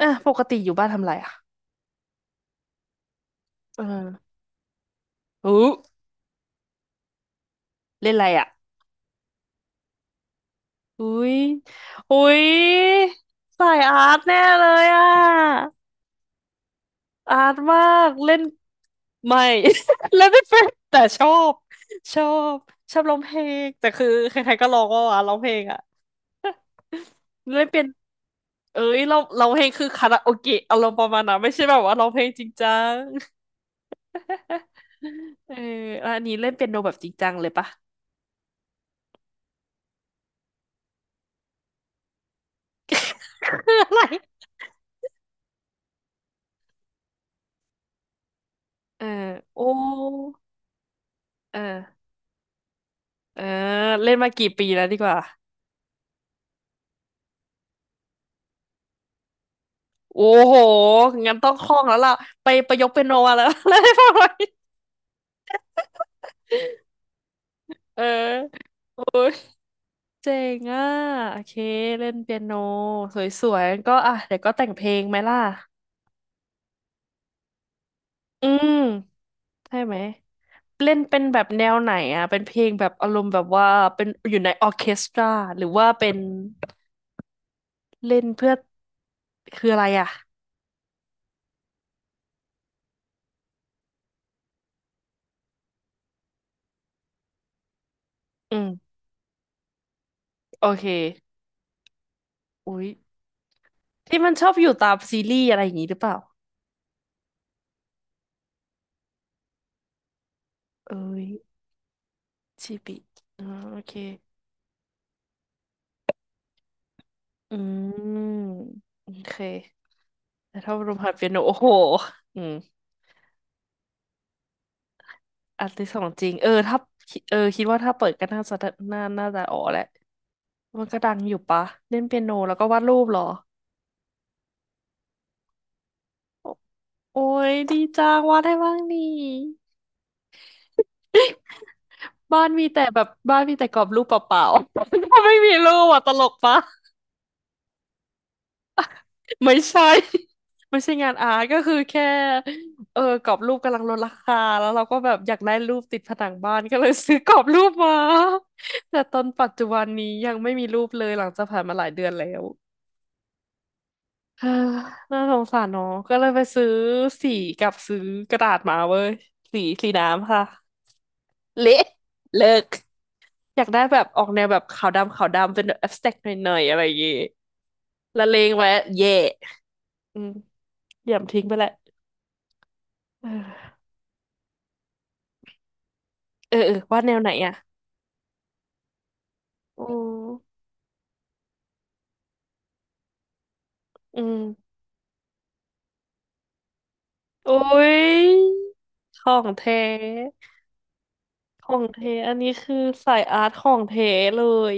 อ่ะปกติอยู่บ้านทำอะไรอ่ะเอออู้เล่นอะไรอ่ะอุ้ยอุ้ยสายอาร์ตแน่เลยอ่ะอาร์ตมากเล่นไม่ เล่นไม่เป็นแต่ชอบชอบชอบร้องเพลงแต่คือใครๆก็ร้องว่าอ่ะร้องเพลงอ่ะเล่นเป็นเอ้ยเราเพลงคือคาราโอเกะอารมณ์ประมาณนั้นไม่ใช่แบบว่าร้องเพลงจริงจัง เออแล้วอันนี้เล่นเปียโนแบบจริงจังเลยปะ คือ อะไรเออโอ้เออ เออเล่นมากี่ปีแล้วดีกว่าโอ้โหงั้นต้องคล่องแล้วล่ะไปประยกเป็นโนมาแล้ว เล่นให้ฟังหน่อยเออโอ้ยเจ๋งอ่ะโอเคเล่นเปียโนสวยๆก็อ่ะเดี๋ยวก็แต่งเพลงไหมล่ะอืมใช่ไหมเล่นเป็นแบบแนวไหนอ่ะเป็นเพลงแบบอารมณ์แบบว่าเป็นอยู่ในออร์เคสตราหรือว่าเป็นเล่นเพื่อคืออะไรอ่ะอืมโอเคอุ๊ยที่มันชอบอยู่ตามซีรีส์อะไรอย่างนี้หรือเปล่าเอ้ย ชิบิอ๋อโอเค อืมโอเคแต่ถ้าลมหัดเปียโนโอ้โหอืมอันที่สองจริง เออถ้าเออคิดว่าถ้าเปิดก็น่าจะน่าจะอ๋อแหละมันก็ดังอยู่ปะเล่นเปียโนแล้วก็วาดรูปเหรอโอโอ้ยดีจังวาดได้บ้างนี่ บ้านมีแต่แบบบ้านมีแต่กรอบรูปเปล่าๆ ไม่มีรูปอ่ะตลกปะ ไม่ใช่ ไม่ใช่งานอาร์ตก็คือแค่เออกรอบรูปกำลังลดราคาแล้วเราก็แบบอยากได้รูปติดผนังบ้านก็เลยซื้อกรอบรูปมา แต่ตอนปัจจุบันนี้ยังไม่มีรูปเลยหลังจากผ่านมาหลายเดือนแล้ว เฮ้อน่าสงสารเนาะก็เลยไปซื้อสีกับซื้อกระดาษมาเว้ยสีสีน้ำค่ะเละเลิกอยากได้แบบออกแนวแบบขาวดำขาวดำเป็นแบบ abstract หน่อยๆอะไรอย่างงี้ละเลงไว้เย่อืมเหยี่ยมทิ้งไปแหละ เออ เออเออวาดแนวไหนอ่ะอืมอืมโอ้ยของแท้ของแท้อันนี้คือสายอาร์ตของแท้เลย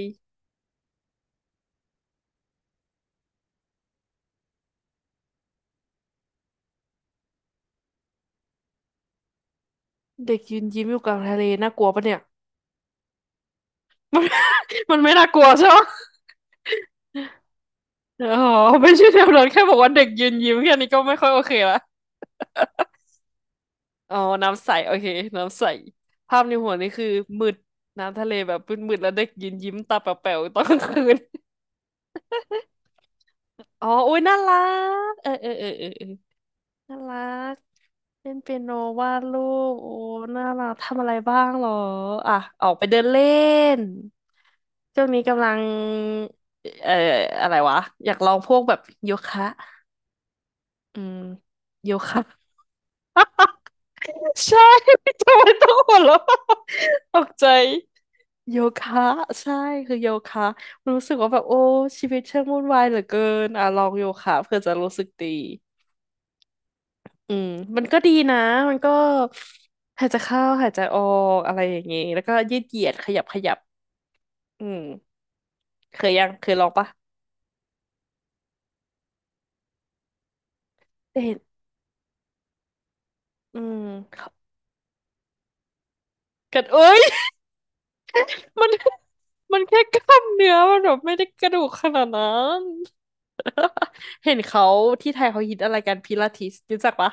เด็กยืนยิ้มอยู่กลางทะเลน่ากลัวปะเนี่ยมัน มันไม่น่ากลัวใช่ไหมอ๋อไม่ใช่แนวนั้นแค่บอกว่าเด็กยืนยิ้มแค่นี้ก็ไม่ค่อยโอเคละอ๋อน้ำใสโอเคน้ำใสภาพในหัวนี่คือมืดน้ำทะเลแบบมืดๆแล้วเด็กยืนยิ้มตาแป๋วๆตอนกลางคืนอ๋อโอ้ยน่ารัก เออเออเออเออเออ น่ารักเล่นเปียโนวาดรูปโอ้น่ารักทำอะไรบ้างเหรออ่ะออกไปเดินเล่นช่วงนี้กำลังเอ่ออะไรวะอยากลองพวกแบบโยคะอืมโยคะ ใช่ ทำไมต้องหัวเราะตกใจโยคะใช่คือโยคะรู้สึกว่าแบบโอ้ชีวิตช่างวุ่นวายเหลือเกินอ่ะลองโยคะเพื่อจะรู้สึกดี อืมมันก็ดีนะมันก็หายใจเข้าหายใจออกอะไรอย่างงี้แล้วก็ยืดเหยียดขยับขยับอืมเคยยังเคยลองปะเห็นอืมกัดเอ้ย มันมันแค่กล้ามเนื้อมันแบบไม่ได้กระดูกขนาดนั้น เห็นเขาที่ไทยเขาฮิตอะไรกันพิลาทิสรู้จักปะ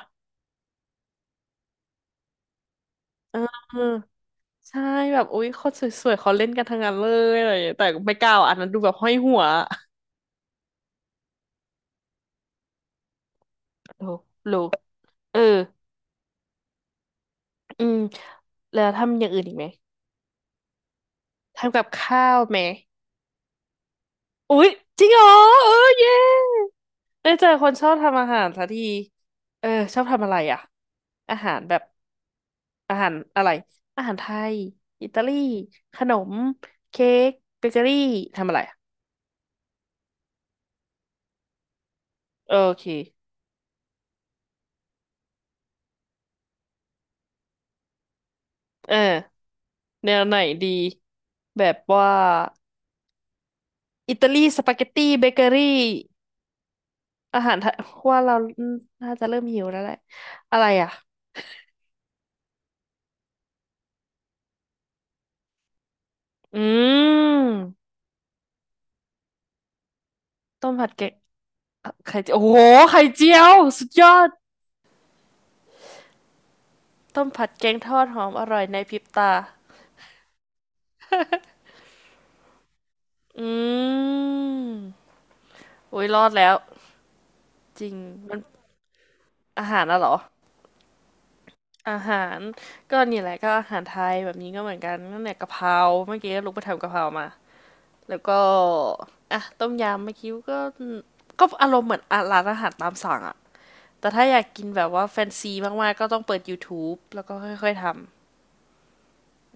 เออใช่แบบอุ๊ยคนสวยๆเขาเล่นกันทั้งนั้นเลยอะไรอย่างเงี้ยแต่ไม่กล้าอ่ะอันนั้นดูแบบห้อยหัวรู้รู้เอออืมแล้วทำอย่างอื่นอีกไหม ทำกับข้าวไหมอุ๊ยจริงเหรอเออเย้ได้เจอคนชอบทำอาหารสักทีเออชอบทำอะไรอ่ะอาหารแบบอาหารอะไรอาหารไทยอิตาลีขนมเค้กเบเกอรี่ทำอะไรอะโอเคเออแนวไหนดีแบบว่าอิตาลีสปาเกตตี้เบเกอรี่อาหารไทยว่าเราน่าจะเริ่มหิวแล้วแหละอะไรอ่ะอืมต้มผัดแกง ไข่เจียวโอ้โหไข่เจียวสุดยอด ต้มผัดแกงทอดหอมอร่อยในพริบตาอืมโอ้ยรอดแล้วจริงมันอาหารอะเหรอ อาหาร ก็นี่แหละก็อาหารไทยแบบนี้ก็เหมือนกันนั่นแหละกะเพราเมื่อกี้ลุกไปทำกะเพรามา แล้วก็ อ่ะต้มยำเมื่อกี้ก็ ก็อารมณ์เหมือนอร้านอาหารตามสั่งอะแต่ถ้าอยากกินแบบว่าแฟนซีมากๆก็ต้องเปิด YouTube แล้วก็ค่อยๆทำ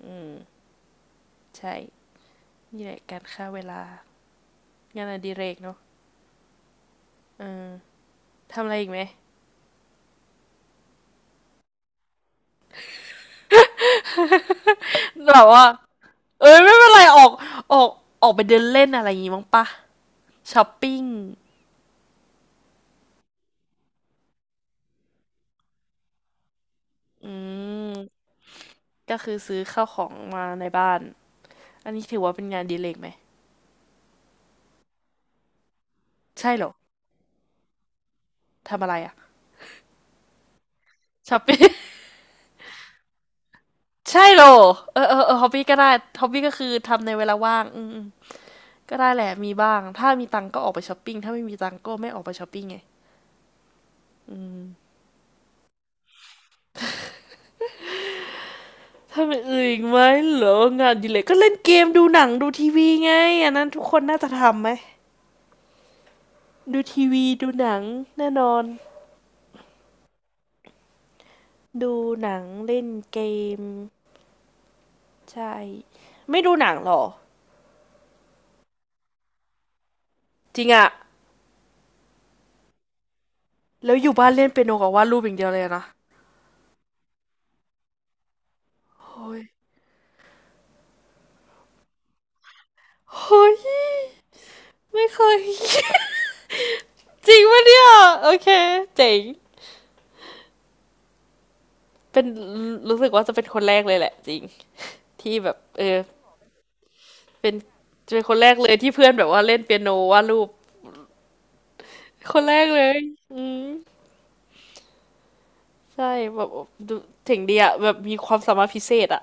อืมใช่นี่แหละการฆ่าเวลางานอดิเรกเนาะ เออทำอะไรอีกไหมแบบว่าเอ้ยไม่เป็นไรออกออกออกไปเดินเล่นอะไรอย่างงี้มั้งปะช้อปปิ้งอืมก็คือซื้อข้าวของมาในบ้านอันนี้ถือว่าเป็นงานอดีเลกไหมใช่เหรอทำอะไรอะช้อปปิ้ง ใช่เหรอเออฮอบบี้ก็ได้ฮอบบี้ก็คือทำในเวลาว่างอืมอืมก็ได้แหละมีบ้างถ้ามีตังค์ก็ออกไปช้อปปิ้งถ้าไม่มีตังค์ก็ไม่ออกไปช้อปปิ้งไงอืมทำอย่างอื่นอีกไหมเหรองานอดีเลกก็เล่นเกมดูหนังดูทีวีไงอันนั้นทุกคนน่าจะทำไหม ดูทีวีดูหนังแน่นอนดูหนังเล่นเกมใช่ไม่ดูหนังหรอจริงอะแล้วอยู่บ้านเล่นเปียโนกับวาดรูปอย่างเดียวเลยนะเฮ้ยเฮ้ยไม่เคย จริงปะเนี่ยโอเคเจ๋งเป็นรู้สึกว่าจะเป็นคนแรกเลยแหละจริงที่แบบเออเป็นเป็นคนแรกเลยที่เพื่อนแบบว่าเล่นเปียโนวาดรูปคนแรกเลยอืมใช่แบบดูถึงดีอะแบบมีความสามารถพิเศษอะ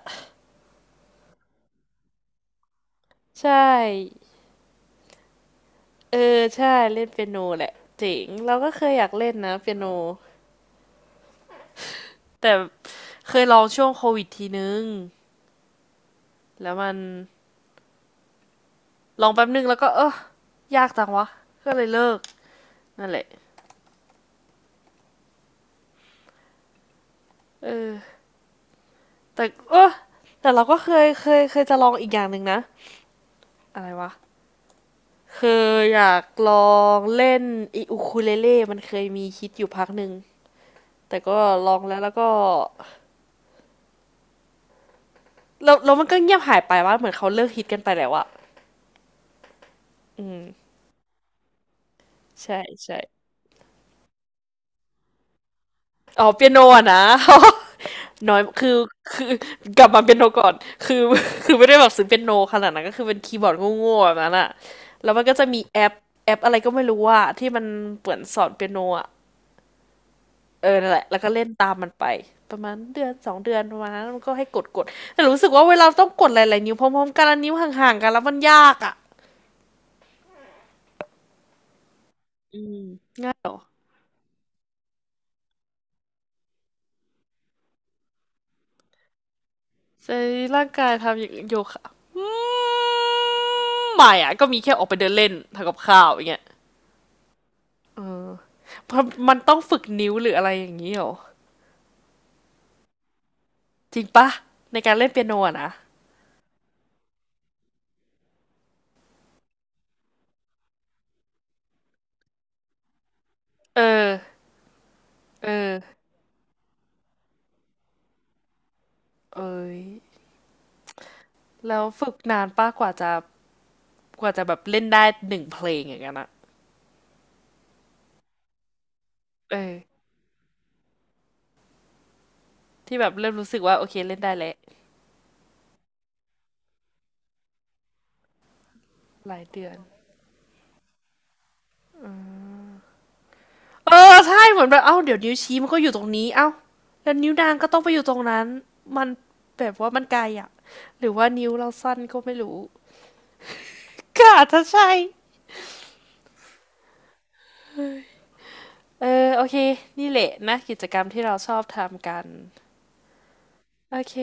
ใช่ เออใช่เล่นเปียโนแหละเจ๋งเราก็เคยอยากเล่นนะเปียโนแต่เคยลองช่วงโควิดทีนึงแล้วมันลองแป๊บนึงแล้วก็เออยากจังวะก็เลยเลิกนั่นแหละเออแต่เออแต่เราก็เคยจะลองอีกอย่างหนึ่งนะอะไรวะเคยอยากลองเล่นอีอูคูเลเล่มันเคยมีฮิตอยู่พักหนึ่งแต่ก็ลองแล้วแล้วก็แล้วมันก็เงียบหายไปว่าเหมือนเขาเลิกฮิตกันไปแล้วอะอืมใช่ใช่ อ๋อเปียโนอะนะ น้อยคือคือกลับมาเปียโนก่อนคือ คือไม่ได้แบบซื้อเปียโนขนาดนั้นก็คือเป็นคีย์บอร์ดโง่ๆแบบนั้นอะแล้วมันก็จะมีแอปแอปอะไรก็ไม่รู้ว่าที่มันเปิดสอนเปียโนอะเออนั่นแหละแล้วก็เล่นตามมันไปประมาณเดือนสองเดือนประมาณนั้นมันก็ให้กดกดแต่รู้สึกว่าเวลาต้องกดหลายๆนิ้วพร้อมๆกันแล้วนิ้วห่างๆกันแล้วมันยากอะอืมใช้ร่างกายทำโยคะอืมไม่อะก็มีแค่ออกไปเดินเล่นทำกับข้าวอย่างเงี้ย เออเพราะมันต้องฝึกนิ้วหรืออะไรอย่างนี้เหรอจริงปะในการเล่นเปียโนอะนะเออเออเอ้ยแล้วฝึกนานปะกว่าจะกว่าจะแบบเล่นได้หนึ่งเพลงอย่างนั้นอะเออที่แบบเริ่มรู้สึกว่าโอเคเล่นได้แล้วหลายเดือนเออใช่เหมือนแบบเอ้าเดี๋ยวนิ้วชี้มันก็อยู่ตรงนี้ เอ้าแล้วนิ้วนางก็ต้องไปอยู่ตรงนั้นมันแบบว่ามันไกลอะหรือว่านิ้วเราสั้นก็ไม่รู้ก็อาจจะใช่ เออโอเคนี่แหละนะกิจกรรมที่เราชอบทำกันโอเค